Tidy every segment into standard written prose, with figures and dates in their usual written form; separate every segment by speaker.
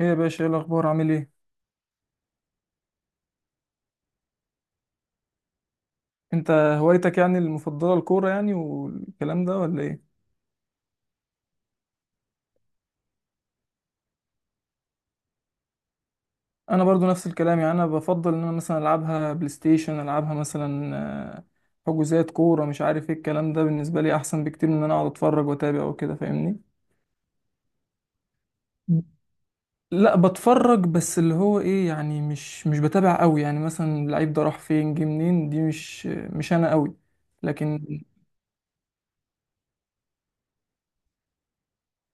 Speaker 1: ايه يا باشا، ايه الاخبار؟ عامل ايه؟ انت هوايتك يعني المفضله الكوره والكلام ده ولا ايه؟ انا برضو نفس الكلام. يعني انا بفضل ان انا مثلا العبها بلاي ستيشن العبها مثلا. آه، حجوزات كوره مش عارف ايه الكلام ده، بالنسبه لي احسن بكتير من ان انا اقعد اتفرج واتابع وكده، فاهمني؟ لا، بتفرج بس، اللي هو ايه يعني، مش بتابع قوي. يعني مثلا اللعيب ده راح فين، جه منين، دي مش انا قوي. لكن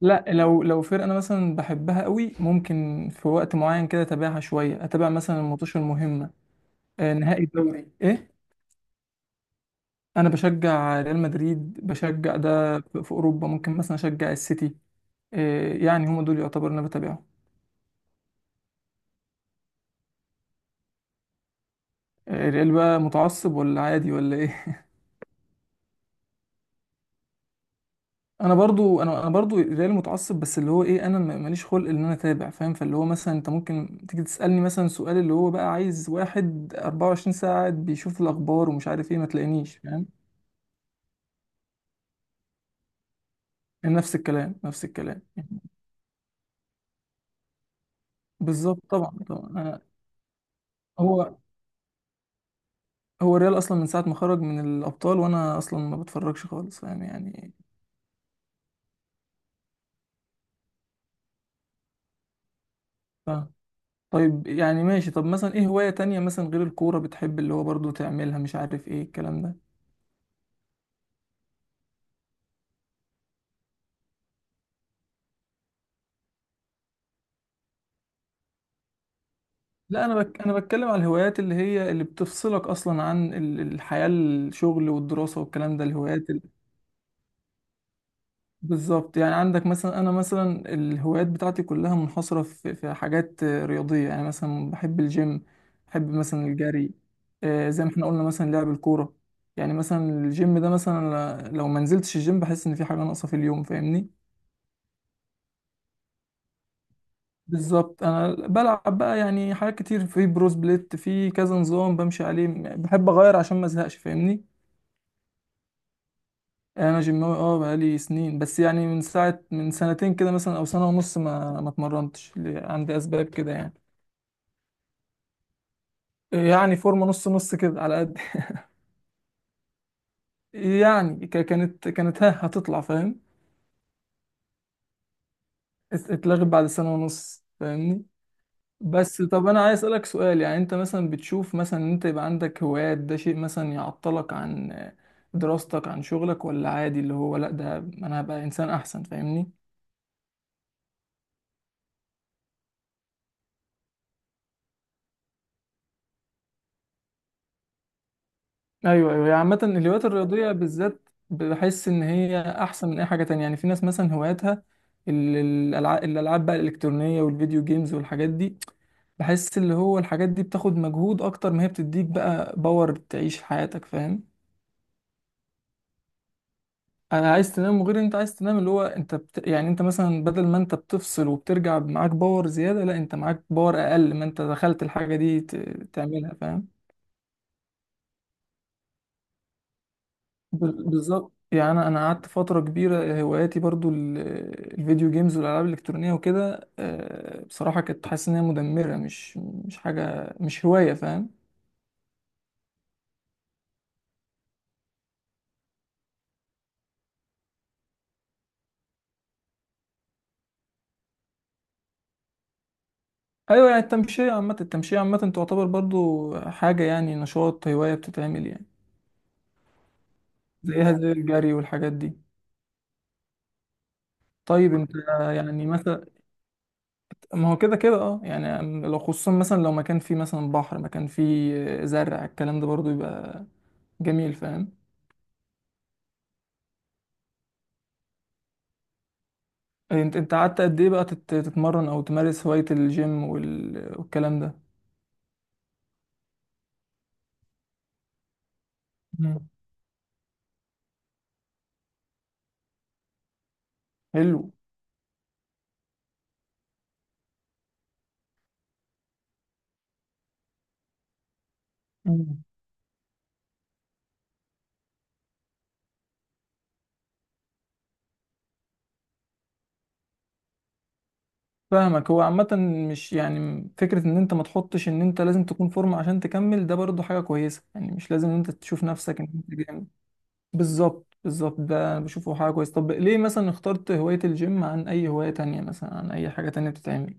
Speaker 1: لا، لو فرقة أنا مثلا بحبها قوي، ممكن في وقت معين كده أتابعها شوية، أتابع مثلا الماتش المهمة. نهائي الدوري إيه. أنا بشجع ريال مدريد، بشجع ده في أوروبا، ممكن مثلا أشجع السيتي. يعني هما دول يعتبر أنا بتابعهم. الريال بقى متعصب ولا عادي ولا إيه؟ أنا برضو، أنا برضو الريال متعصب، بس اللي هو إيه، أنا ماليش خلق إن أنا أتابع، فاهم؟ فاللي هو مثلا أنت ممكن تيجي تسألني مثلا سؤال، اللي هو بقى عايز واحد 24 ساعة قاعد بيشوف الأخبار ومش عارف إيه، ما تلاقينيش، فاهم؟ نفس الكلام، نفس الكلام. بالظبط، طبعا طبعا. أنا هو، هو الريال اصلا من ساعه ما خرج من الابطال وانا اصلا ما بتفرجش خالص، فاهم يعني. ف... طيب يعني ماشي، طب مثلا ايه هوايه تانية مثلا غير الكوره بتحب اللي هو برضو تعملها، مش عارف ايه الكلام ده؟ لا انا انا بتكلم على الهوايات اللي هي اللي بتفصلك اصلا عن الحياه، الشغل والدراسه والكلام ده، الهوايات. بالظبط. يعني عندك مثلا، انا مثلا الهوايات بتاعتي كلها منحصره في حاجات رياضيه. يعني مثلا بحب الجيم، بحب مثلا الجري، زي ما احنا قلنا مثلا لعب الكوره. يعني مثلا الجيم ده، مثلا لو ما نزلتش الجيم بحس ان في حاجه ناقصه في اليوم، فاهمني؟ بالظبط. انا بلعب بقى يعني حاجات كتير في بروس بليت، في كذا نظام بمشي عليه، بحب اغير عشان ما ازهقش، فاهمني؟ يعني انا جيماوي، اه بقالي سنين، بس يعني من ساعه من سنتين كده مثلا او سنه ونص ما اتمرنتش، عندي اسباب كده يعني. يعني فورمه نص نص كده، على قد. يعني كانت ها هتطلع، فاهم. اتلغت بعد سنه ونص، فاهمني. بس طب انا عايز اسالك سؤال، يعني انت مثلا بتشوف مثلا ان انت يبقى عندك هوايات ده شيء مثلا يعطلك عن دراستك، عن شغلك، ولا عادي اللي هو لا ده انا هبقى انسان احسن، فاهمني؟ ايوه ايوه. يعني عامه الهوايات الرياضيه بالذات بحس ان هي احسن من اي حاجه تانية. يعني في ناس مثلا هواياتها الالعاب، الالعاب بقى الالكترونيه والفيديو جيمز والحاجات دي. بحس اللي هو الحاجات دي بتاخد مجهود اكتر ما هي بتديك بقى باور تعيش حياتك، فاهم. انا عايز تنام، وغير إن انت عايز تنام اللي هو انت يعني انت مثلا بدل ما انت بتفصل وبترجع معاك باور زيادة، لا انت معاك باور اقل ما انت دخلت الحاجة دي تعملها، فاهم. بالظبط. يعني انا قعدت فترة كبيرة هواياتي برضو الفيديو جيمز والالعاب الالكترونية وكده، بصراحة كنت حاسس ان هي مدمرة، مش حاجة، مش هواية، فاهم. ايوه. يعني التمشية عامة، التمشية عامة تعتبر برضو حاجة يعني، نشاط، هواية بتتعمل يعني، زيها زي الجري والحاجات دي. طيب انت يعني مثلا، ما هو كده كده اه، يعني لو خصوصا مثلا لو مكان فيه مثلا بحر، مكان فيه زرع، الكلام ده برضو يبقى جميل، فاهم. انت انت قعدت قد ايه بقى تتمرن او تمارس هواية الجيم والكلام ده؟ مم. حلو. فاهمك. هو عامة مش يعني فكرة ان انت ما تحطش ان انت لازم تكون فورمة عشان تكمل، ده برضو حاجة كويسة. يعني مش لازم ان انت تشوف نفسك ان انت جامد. بالظبط بالظبط، ده أنا بشوفه حاجة كويسة. طب ليه مثلا اخترت هواية الجيم عن اي هواية تانية، مثلا عن اي حاجة تانية بتتعمل؟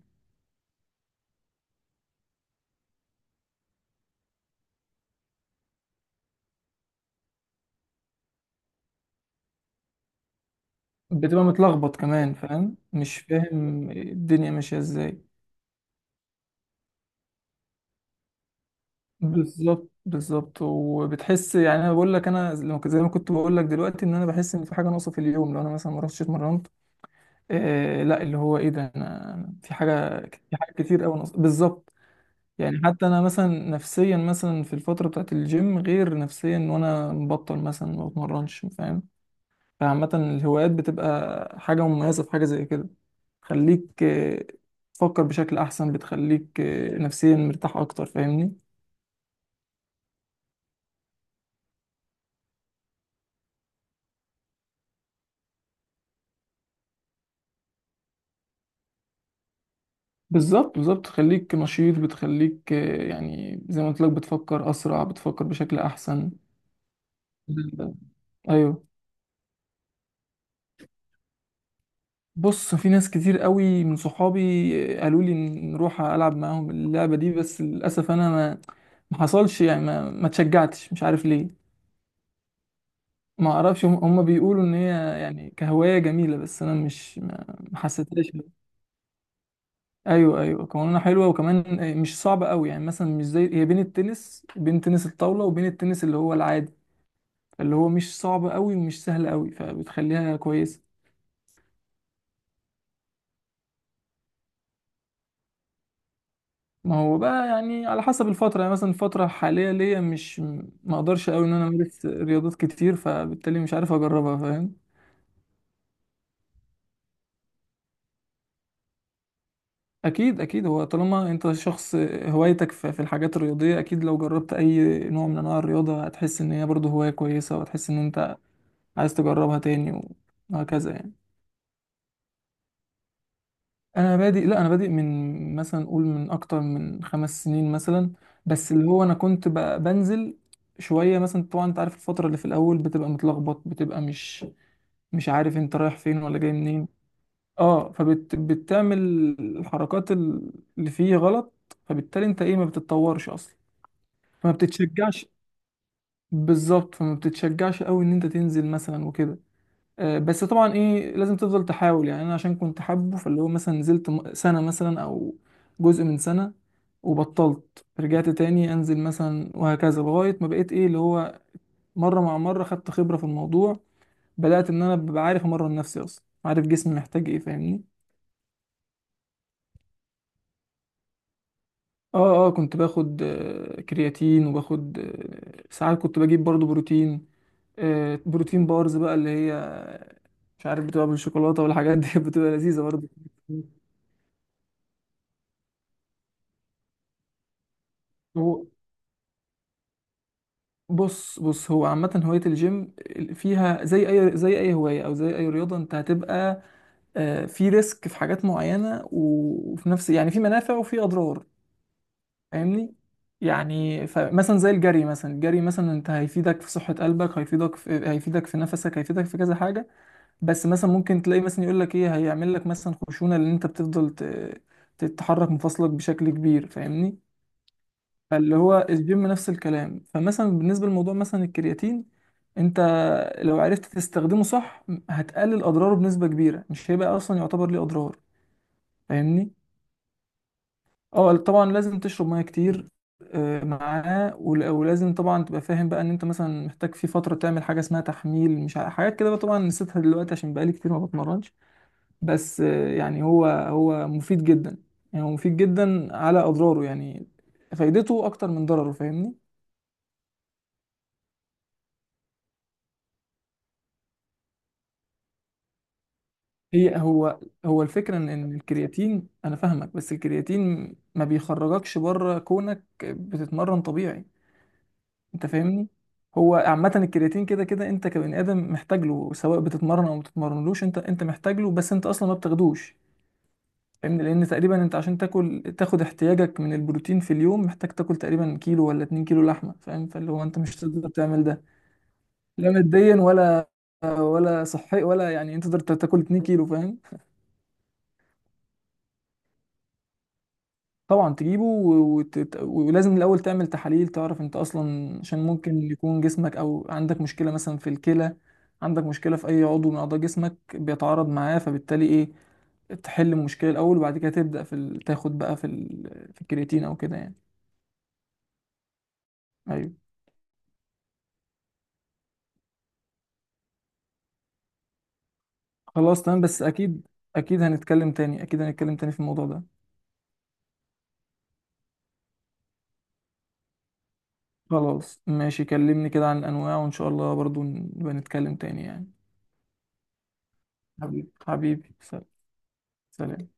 Speaker 1: بتبقى متلخبط كمان، فاهم، مش فاهم الدنيا ماشية ازاي. بالظبط بالظبط. وبتحس، يعني انا بقول لك انا زي ما كنت بقول لك دلوقتي، ان انا بحس ان في حاجة ناقصة في اليوم لو انا مثلا ما رحتش اتمرنت. آه لا اللي هو ايه، ده انا في حاجه، في حاجات كتير قوي بالظبط. يعني حتى انا مثلا نفسيا، مثلا في الفتره بتاعت الجيم غير نفسيا وانا مبطل مثلا ما بتمرنش، فاهم. فعامه الهوايات بتبقى حاجه مميزه، في حاجه زي كده تخليك تفكر بشكل احسن، بتخليك نفسيا مرتاح اكتر، فاهمني. بالظبط بالظبط. تخليك نشيط، بتخليك يعني زي ما قلت لك، بتفكر اسرع، بتفكر بشكل احسن. ايوه. بص في ناس كتير قوي من صحابي قالوا لي نروح العب معاهم اللعبه دي، بس للاسف انا ما حصلش يعني، ما اتشجعتش، مش عارف ليه. ما اعرفش، هم بيقولوا ان هي يعني كهوايه جميله، بس انا مش ما ما حسيتهاش. ايوه ايوه، قوانينها حلوه وكمان مش صعبه قوي. يعني مثلا مش زي هي بين التنس، بين تنس الطاوله وبين التنس اللي هو العادي، اللي هو مش صعب قوي ومش سهل قوي، فبتخليها كويسه. ما هو بقى يعني على حسب الفترة، يعني مثلا الفترة الحالية ليا مش، ما اقدرش قوي ان انا امارس رياضات كتير، فبالتالي مش عارف اجربها، فاهم. اكيد اكيد. هو طالما انت شخص هوايتك في الحاجات الرياضية، اكيد لو جربت اي نوع من انواع الرياضة هتحس ان هي برضه هواية كويسة، وهتحس ان انت عايز تجربها تاني وهكذا يعني. انا بادئ، لا انا بادئ من مثلا قول من اكتر من خمس سنين مثلا، بس اللي هو انا كنت بنزل شوية مثلا. طبعا انت عارف الفترة اللي في الأول بتبقى متلخبط، بتبقى مش عارف انت رايح فين ولا جاي منين. اه، فبتعمل الحركات اللي فيه غلط، فبالتالي انت ايه، ما بتتطورش اصلا، فما بتتشجعش. بالظبط، فما بتتشجعش قوي ان انت تنزل مثلا وكده. آه بس طبعا ايه، لازم تفضل تحاول. يعني انا عشان كنت حابه، فاللي هو مثلا نزلت سنة مثلا او جزء من سنة، وبطلت رجعت تاني انزل مثلا، وهكذا لغاية ما بقيت ايه اللي هو مرة مع مرة خدت خبرة في الموضوع، بدأت ان انا ببقى عارف امرن نفسي، اصلا عارف جسمي محتاج ايه، فاهمني. اه اه، كنت باخد كرياتين وباخد ساعات كنت بجيب برضو بروتين. بروتين بارز بقى، اللي هي مش عارف بتبقى بالشوكولاتة والحاجات دي بتبقى لذيذة برضو. هو بص هو عامة هواية الجيم فيها زي أي، زي أي هواية أو زي أي رياضة، أنت هتبقى في ريسك، في حاجات معينة وفي نفس يعني، في منافع وفي أضرار، فاهمني؟ يعني فمثلا زي الجري مثلا، الجري مثلا أنت هيفيدك في صحة قلبك، هيفيدك في، هيفيدك في نفسك، هيفيدك في كذا حاجة. بس مثلا ممكن تلاقي مثلا يقول لك ايه، هيعمل لك مثلا خشونه لان انت بتفضل تتحرك مفاصلك بشكل كبير، فاهمني. فاللي هو الجيم نفس الكلام. فمثلا بالنسبه لموضوع مثلا الكرياتين، انت لو عرفت تستخدمه صح، هتقلل اضراره بنسبه كبيره، مش هيبقى اصلا يعتبر ليه اضرار، فاهمني. اه طبعا، لازم تشرب ميه كتير معاه، ولازم طبعا تبقى فاهم بقى ان انت مثلا محتاج في فتره تعمل حاجه اسمها تحميل، مش حاجات كده بقى طبعا نسيتها دلوقتي عشان بقالي كتير ما بتمرنش. بس يعني هو مفيد جدا، يعني هو مفيد جدا، على اضراره يعني فايدته اكتر من ضرره، فاهمني. هي هو الفكره ان إن الكرياتين، انا فاهمك، بس الكرياتين ما بيخرجكش بره كونك بتتمرن طبيعي، انت فاهمني. هو عامه الكرياتين كده كده انت كبني ادم محتاج له، سواء بتتمرن او ما بتتمرنلوش انت محتاج له، بس انت اصلا ما بتاخدوش، فاهمني. لان تقريبا انت عشان تاكل تاخد احتياجك من البروتين في اليوم، محتاج تاكل تقريبا كيلو ولا 2 كيلو لحمه، فاهم. فاللي هو انت مش تقدر تعمل ده، لا ماديا ولا، ولا صحي ولا، يعني انت تقدر تاكل 2 كيلو؟ فاهم. طبعا تجيبه، ولازم الاول تعمل تحاليل، تعرف انت اصلا، عشان ممكن يكون جسمك او عندك مشكله مثلا في الكلى، عندك مشكله في اي عضو من اعضاء جسمك بيتعارض معاه، فبالتالي ايه، تحل المشكله الاول وبعد كده تبدا في تاخد بقى في في الكرياتين او كده يعني. ايوه. خلاص تمام. بس اكيد، اكيد هنتكلم تاني، اكيد هنتكلم تاني في الموضوع ده. خلاص ماشي، كلمني كده عن الانواع وان شاء الله برضو نبقى نتكلم تاني يعني. حبيبي حبيبي، سلام. سلام.